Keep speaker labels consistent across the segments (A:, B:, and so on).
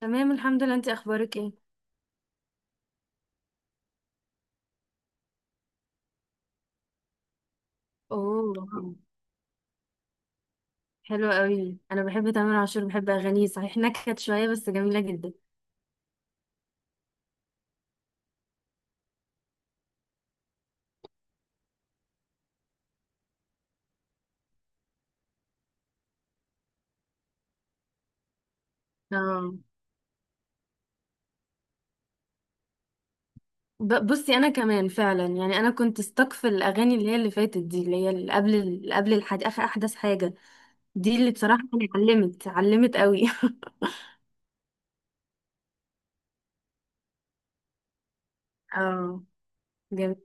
A: تمام الحمد لله، انت اخبارك ايه؟ اوه. حلو قوي، انا بحب تامر عاشور، بحب اغانيه، صحيح نكت شويه بس جميله جدا. اه. بصي انا كمان فعلا يعني انا كنت stuck في الاغاني اللي هي اللي فاتت دي، اللي هي اللي قبل اللي قبل اخر احدث حاجه دي اللي بصراحه يعني علمت علمت قوي. اه. جميل.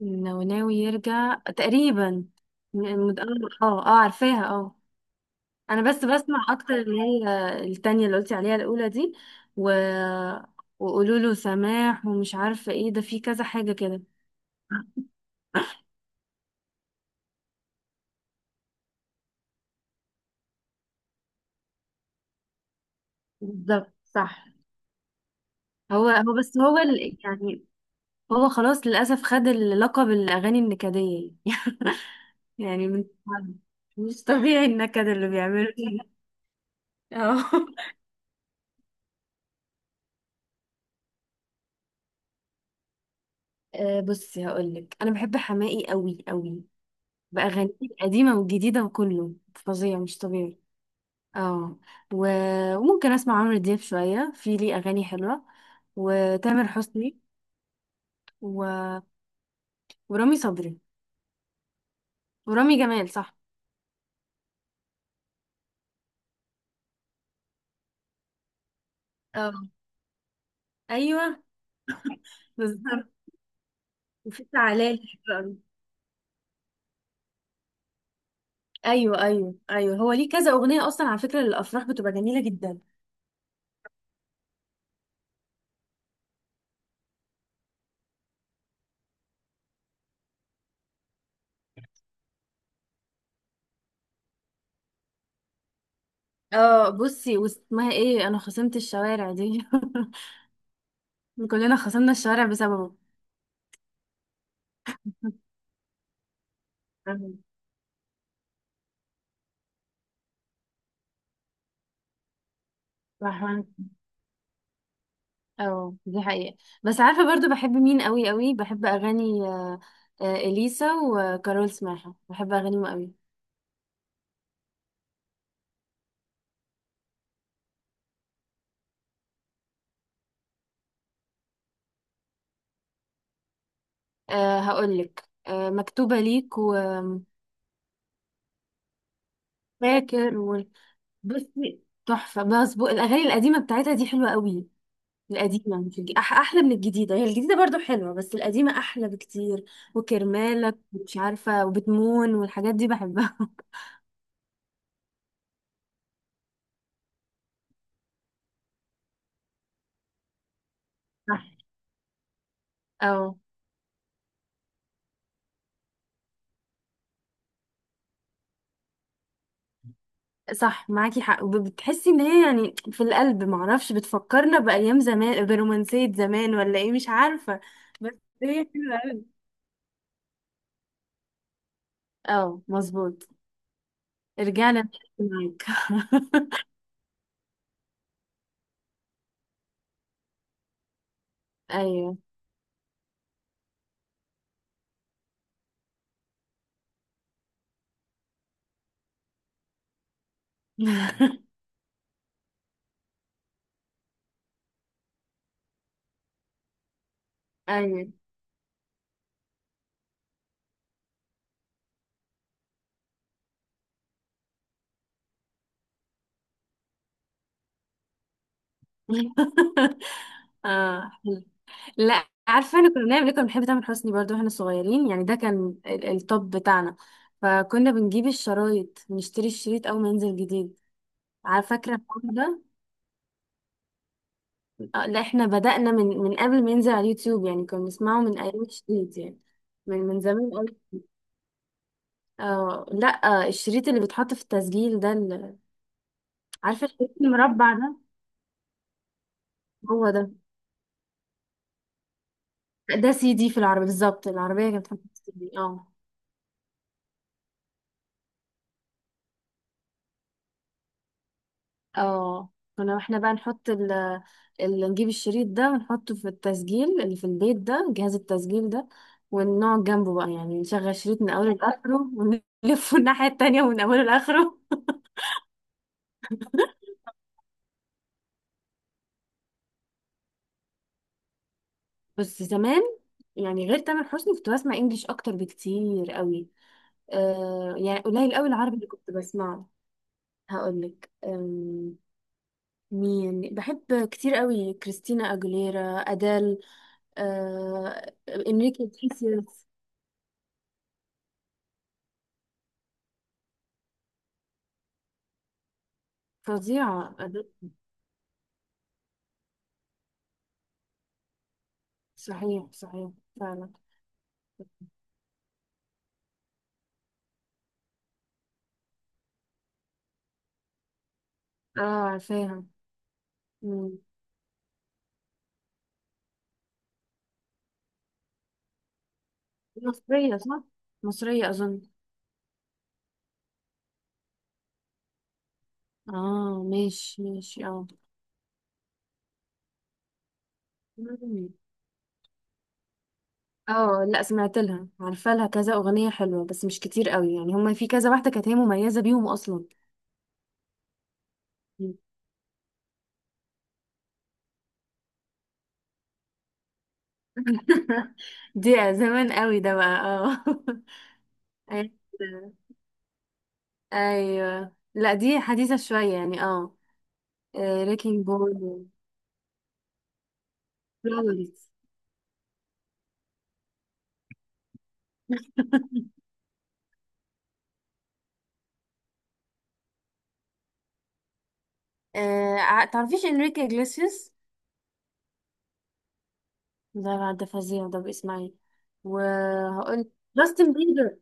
A: ناوي ناوي يرجع تقريبا. م- عارفاها اه. انا بس بسمع اكتر اللي هي التانية اللي قلتي عليها، الاولى دي. و... وقولوا له سماح ومش عارفة ايه ده، في كذا حاجة كده. بالظبط صح. هو هو بس هو يعني، هو خلاص للاسف خد اللقب الاغاني النكدية. يعني مش طبيعي النكد اللي بيعمله ده. اه. آه، بصي هقولك انا بحب حماقي قوي قوي باغانيه القديمة والجديدة، وكله فظيع مش طبيعي. اه. وممكن اسمع عمرو دياب شوية، في ليه اغاني حلوة، وتامر حسني. و... ورامي صبري، ورامي جمال، صح. اه. ايوه. بالظبط. وفي تعالى. ايوه ايوه ايوه، هو ليه كذا اغنية اصلا على فكرة للافراح بتبقى جميلة جدا. اه بصي، واسمها ايه، انا خصمت الشوارع دي. كلنا خصمنا الشوارع بسببه. اه دي حقيقة. بس عارفة برضو بحب مين قوي قوي، بحب أغاني إليسا وكارول سماحة، بحب أغانيهم قوي. أه هقولك، أه مكتوبة ليك، وفاكر. و... بصي تحفة، بس الأغاني القديمة بتاعتها دي حلوة قوي. القديمة، مش الج... أح أحلى من الجديدة، هي الجديدة برضو حلوة بس القديمة أحلى بكتير. وكرمالك، مش عارفة، وبتمون، والحاجات دي بحبها. صح. اه. صح معاكي حق، وبتحسي ان هي يعني في القلب، معرفش، بتفكرنا بأيام زمان، برومانسية زمان ولا ايه، مش عارفة. بس هي حلوة أوي. اه مظبوط. رجعنا نحكي معاك. ايوه. ايوه. اه حلو. لا عارفه انا كنا بنعمل ايه، كنا بنحب تامر حسني برضو واحنا صغيرين، يعني ده كان التوب بتاعنا. فكنا بنجيب الشرايط، نشتري الشريط اول ما ينزل جديد. عارفه فاكره الحوار ده. آه، لا احنا بدأنا من قبل ما ينزل على اليوتيوب، يعني كنا بنسمعه من ايام الشريط يعني. من زمان قوي. اه. لا. آه، الشريط اللي بيتحط في التسجيل ده عارفه الشريط المربع ده. هو ده. ده سي دي في العربية، بالظبط، العربية كانت بتحط سي دي، اه. اه كنا احنا بقى نحط اللي نجيب الشريط ده ونحطه في التسجيل اللي في البيت ده، جهاز التسجيل ده. ونقعد جنبه بقى، يعني نشغل شريط من اوله لاخره، ونلفه الناحية التانية من اوله لاخره. بس زمان، يعني غير تامر حسني كنت بسمع انجليش اكتر بكتير قوي. آه، يعني قليل قوي العربي اللي كنت بسمعه. هقولك، مين بحب كتير قوي؟ كريستينا اجوليرا، ادال، آه، انريكي إجليسياس. فظيعة أدل. صحيح صحيح، فعلا. اه عارفاها. مم. مصرية صح؟ مصرية أظن. اه ماشي ماشي. اه. اه لا، سمعت لها، عارفه لها كذا اغنيه حلوه بس مش كتير قوي، يعني هما في كذا واحده كانت هي مميزه بيهم اصلا. مم. دي زمان قوي ده بقى، اه. ايوه. أيوة. لا دي حديثه شويه يعني اه. ريكينج بول، فلاورز. آه، تعرفيش انريكي اجليسيوس؟ ده بقى؟ ده فظيع ده، باسمعي وهقول جاستن بيبر.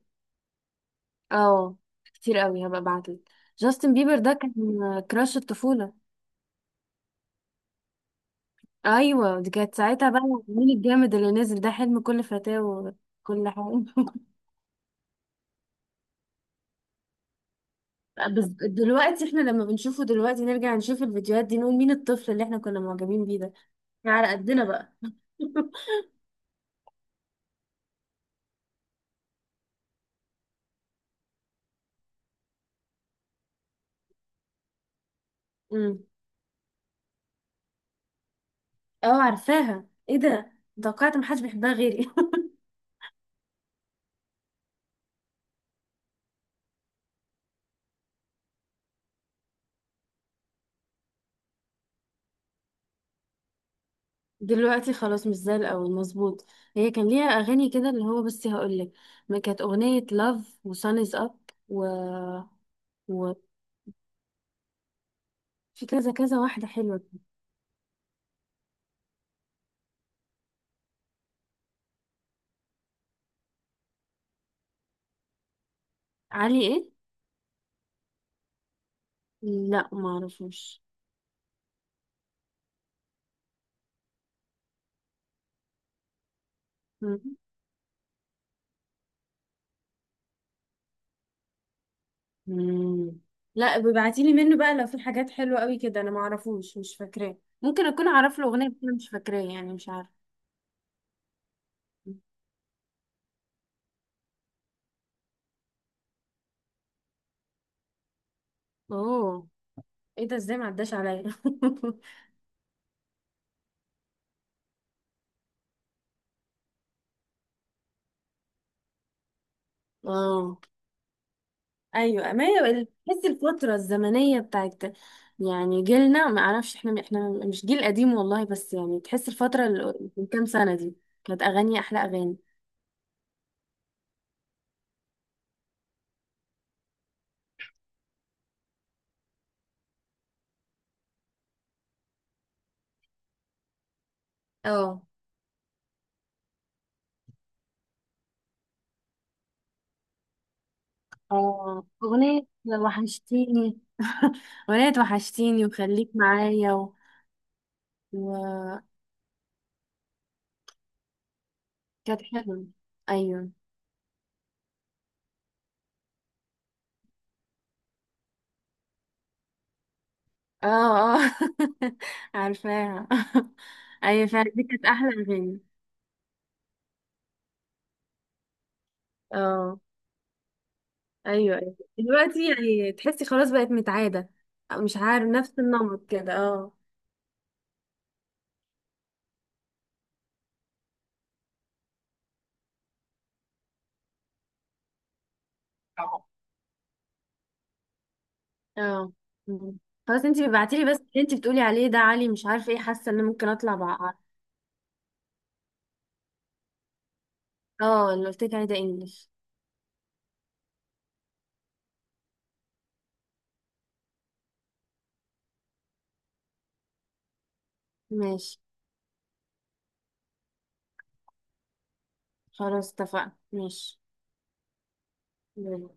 A: اه. كتير قوي، هبقى ابعتلك. جاستن بيبر ده كان كراش الطفولة. ايوه دي كانت ساعتها بقى، مين الجامد اللي نزل ده، حلم كل فتاة وكل حاجه. بس دلوقتي احنا لما بنشوفه دلوقتي، نرجع نشوف الفيديوهات دي، نقول مين الطفل اللي احنا كنا معجبين بيه ده. إحنا على قدنا بقى. امم. اه عارفاها، ايه ده. توقعت محدش بيحبها غيري. دلوقتي خلاص مش زي الاول، مظبوط. هي كان ليها اغاني كده، اللي هو بصي هقول لك، ما كانت اغنيه لاف وسان از اب، و و في كذا كذا واحده حلوه كده. علي ايه؟ لا ما اعرفوش. مم. مم. لا ببعتيلي منه بقى لو في حاجات حلوة قوي كده، انا معرفوش، مش فاكراه، ممكن اكون اعرف له اغنية بس انا مش فاكراه يعني، مش عارفة. اوه. ايه ده، ازاي ما عداش عليا؟ اه. ايوه، ما هي تحس الفترة الزمنية بتاعت، يعني جيلنا، ما اعرفش احنا، احنا مش جيل قديم والله، بس يعني تحس الفترة اللي من كام سنة دي كانت اغاني، احلى اغاني. اه. اه اغنية وحشتيني. اغنية وحشتيني وخليك معايا. وكانت حلوة. أيوة. اه. اه. عارفاها. أيوة فعلا، دي كانت أحلى أغاني. اه. أيوة أيوة دلوقتي يعني تحسي خلاص بقت متعادة، أو مش عارف نفس النمط كده، اه. اه. مم. خلاص انتي بتبعتيلي، بس اللي انتي بتقولي عليه ده عالي، مش عارفة ايه، حاسة ان ممكن اطلع بقى. اه اللي قلتلك عليه ده انجلش. ماشي. خلاص اتفقنا، ماشي. يلا.